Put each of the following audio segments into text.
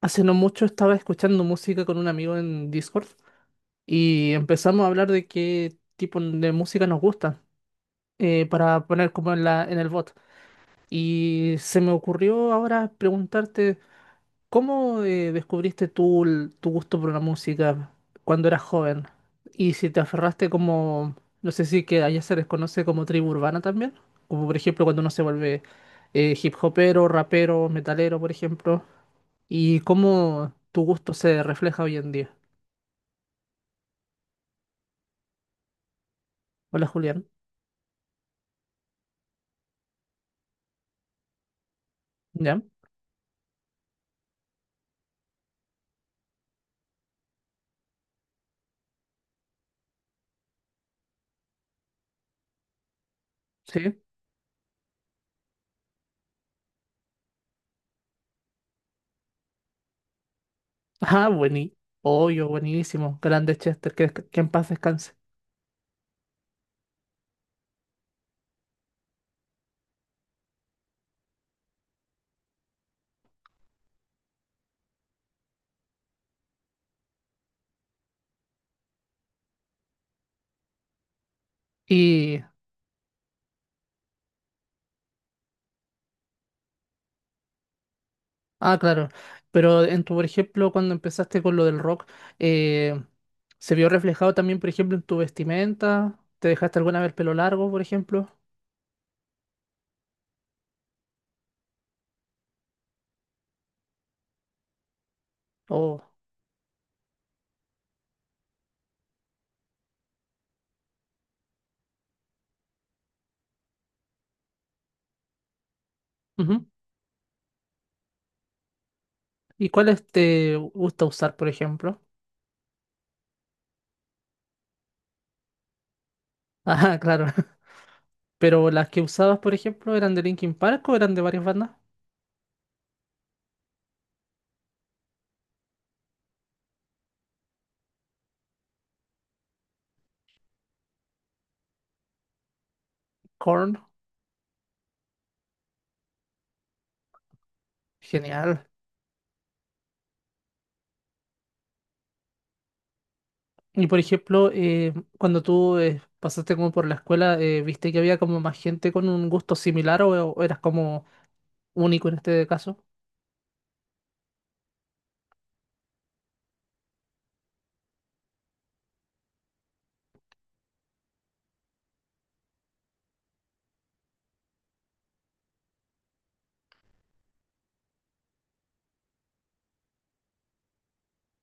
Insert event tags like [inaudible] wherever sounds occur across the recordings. Hace no mucho estaba escuchando música con un amigo en Discord y empezamos a hablar de qué tipo de música nos gusta para poner como en en el bot. Y se me ocurrió ahora preguntarte, ¿cómo descubriste tú tu gusto por la música cuando eras joven? Y si te aferraste como, no sé si que allá se les conoce como tribu urbana también, como por ejemplo cuando uno se vuelve hip hopero, rapero, metalero, por ejemplo. ¿Y cómo tu gusto se refleja hoy en día? Hola, Julián. ¿Ya? ¿Sí? [laughs] Ah, buenísimo. Obvio, buenísimo. Grande Chester, que en paz descanse. Y, ah, claro. Pero en por ejemplo, cuando empezaste con lo del rock, eh, ¿se vio reflejado también, por ejemplo, en tu vestimenta? ¿Te dejaste alguna vez el pelo largo, por ejemplo? O, ujú. ¿Y cuáles te gusta usar, por ejemplo? Ah, [laughs] claro. Pero las que usabas, por ejemplo, ¿eran de Linkin Park o eran de varias bandas? Korn. Genial. Y por ejemplo, cuando tú pasaste como por la escuela, ¿viste que había como más gente con un gusto similar o eras como único en este caso?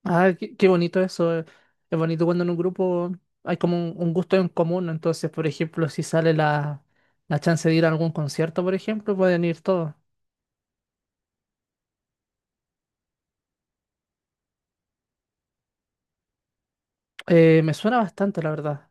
Ah, qué bonito eso. Es bonito cuando en un grupo hay como un gusto en común. Entonces, por ejemplo, si sale la chance de ir a algún concierto, por ejemplo, pueden ir todos. Me suena bastante, la verdad.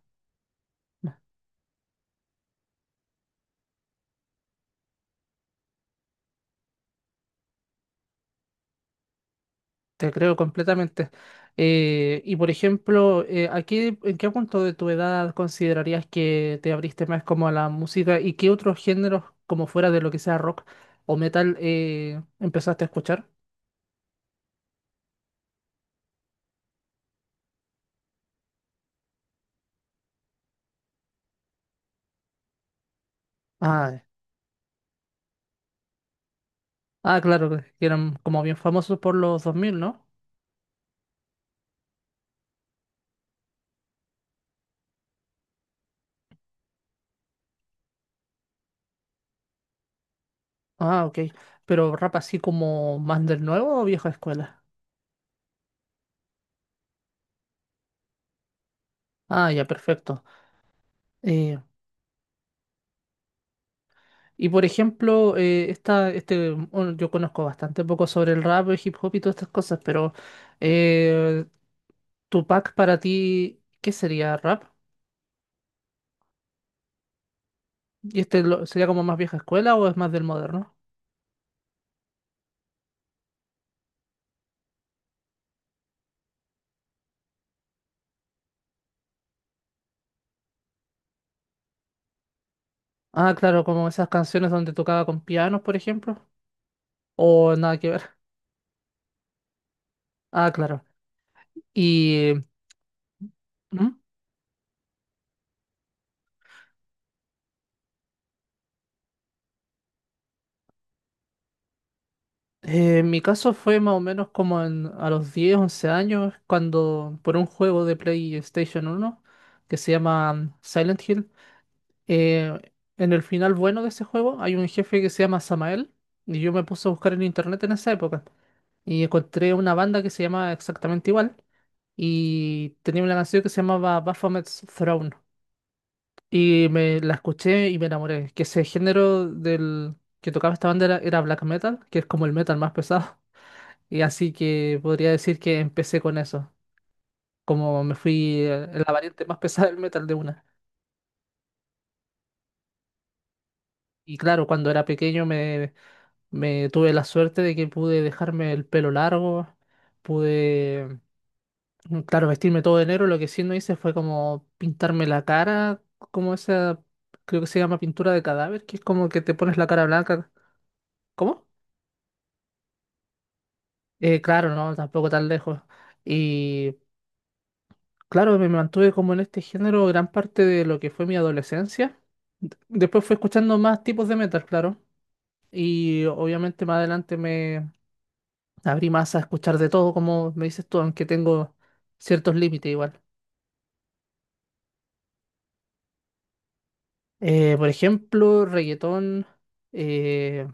Te creo completamente. Y por ejemplo, ¿ en qué punto de tu edad considerarías que te abriste más como a la música y qué otros géneros, como fuera de lo que sea rock o metal, empezaste a escuchar? Ah, ah, claro, que eran como bien famosos por los 2000, ¿no? Ah, ok. Pero rap así como más del nuevo o vieja escuela. Ah, ya, perfecto. Y por ejemplo, bueno, yo conozco bastante poco sobre el rap, el hip hop y todas estas cosas, pero eh, Tupac para ti, ¿qué sería rap? ¿ sería como más vieja escuela o es más del moderno? Ah, claro, como esas canciones donde tocaba con pianos, por ejemplo. O nada que ver. [laughs] Ah, claro. ¿Y? ¿Mm? En mi caso fue más o menos a los 10 u 11 años, cuando por un juego de PlayStation uno que se llama Silent Hill. Eh, en el final bueno de ese juego hay un jefe que se llama Samael y yo me puse a buscar en internet en esa época y encontré una banda que se llama exactamente igual y tenía una canción que se llamaba Baphomet's Throne y me la escuché y me enamoré, que ese género del que tocaba esta banda era black metal, que es como el metal más pesado. [laughs] Y así que podría decir que empecé con eso, como me fui en la variante más pesada del metal de una. Y claro, cuando era pequeño me tuve la suerte de que pude dejarme el pelo largo, pude, claro, vestirme todo de negro. Lo que sí no hice fue como pintarme la cara, como esa, creo que se llama pintura de cadáver, que es como que te pones la cara blanca. ¿Cómo? Claro, no, tampoco tan lejos. Y claro, me mantuve como en este género gran parte de lo que fue mi adolescencia. Después fui escuchando más tipos de metal, claro. Y obviamente más adelante me abrí más a escuchar de todo, como me dices tú, aunque tengo ciertos límites igual. Por ejemplo, reggaetón, eh,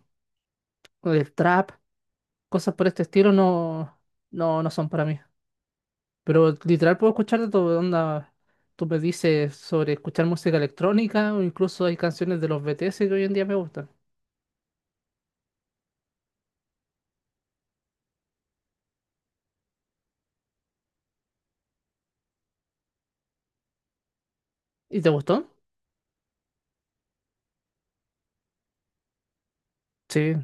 el trap, cosas por este estilo no son para mí. Pero literal puedo escuchar de todo, onda. Tú me dices sobre escuchar música electrónica o incluso hay canciones de los BTS que hoy en día me gustan. ¿Y te gustó? Sí.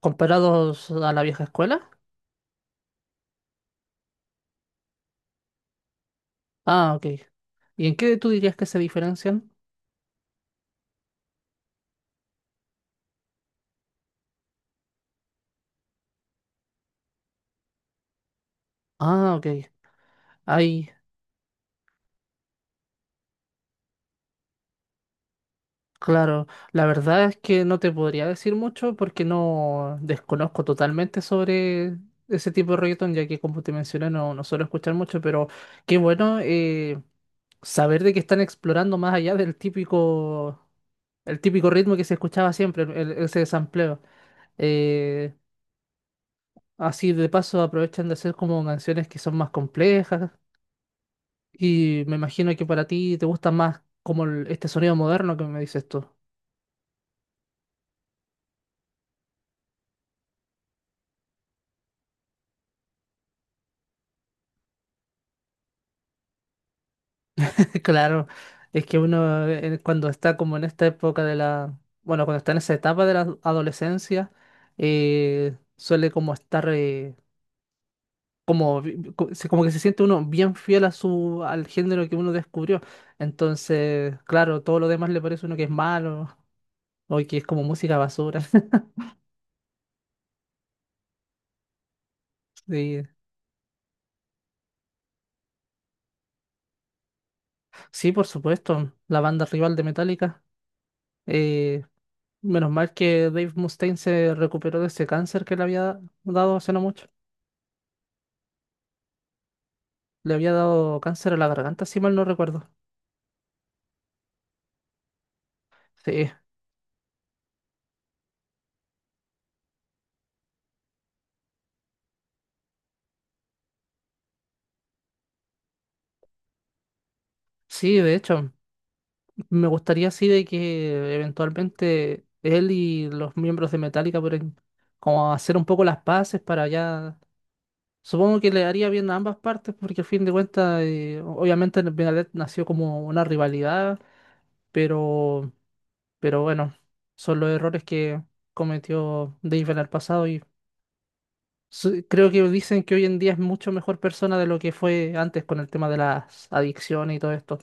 ¿Comparados a la vieja escuela? Ah, ok. ¿Y en qué tú dirías que se diferencian? Ah, ok. Hay, claro, la verdad es que no te podría decir mucho porque no desconozco totalmente sobre ese tipo de reggaetón, ya que como te mencioné no suelo escuchar mucho, pero qué bueno saber de que están explorando más allá del típico, el típico ritmo que se escuchaba siempre, ese sampleo. Eh, Así de paso aprovechan de hacer como canciones que son más complejas y me imagino que para ti te gusta más como este sonido moderno que me dices tú. [laughs] Claro, es que uno cuando está como en esta época de bueno, cuando está en esa etapa de la adolescencia, suele como estar, como, vi- vi- co- se- como que se siente uno bien fiel a al género que uno descubrió. Entonces, claro, todo lo demás le parece a uno que es malo o que es como música basura. [laughs] Sí, sí, por supuesto, la banda rival de Metallica. Eh, Menos mal que Dave Mustaine se recuperó de ese cáncer que le había dado hace no mucho. Le había dado cáncer a la garganta, si mal no recuerdo. Sí, sí, de hecho, me gustaría así de que eventualmente él y los miembros de Metallica puedan como hacer un poco las paces para ya... Supongo que le haría bien a ambas partes porque al fin de cuentas, obviamente Megadeth nació como una rivalidad, pero, pero bueno, son los errores que cometió Dave en el pasado y creo que dicen que hoy en día es mucho mejor persona de lo que fue antes con el tema de las adicciones y todo esto.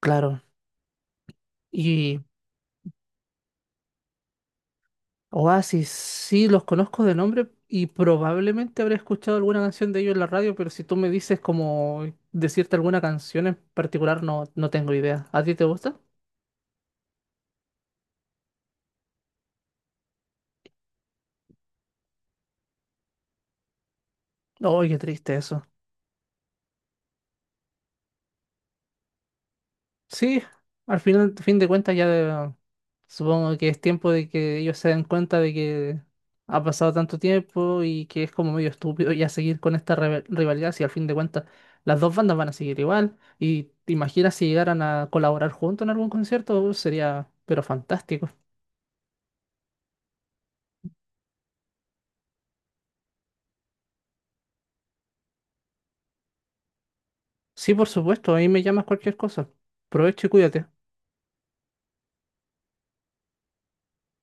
Claro. Y Oasis, sí, los conozco de nombre y probablemente habré escuchado alguna canción de ellos en la radio, pero si tú me dices como decirte alguna canción en particular, no, no tengo idea. ¿A ti te gusta? Oye, qué triste eso. Sí, al final, fin de cuentas ya supongo que es tiempo de que ellos se den cuenta de que ha pasado tanto tiempo y que es como medio estúpido ya seguir con esta rivalidad si al fin de cuentas las dos bandas van a seguir igual. Y te imaginas si llegaran a colaborar juntos en algún concierto, sería pero fantástico. Sí, por supuesto, ahí me llamas cualquier cosa. Provecho y cuídate.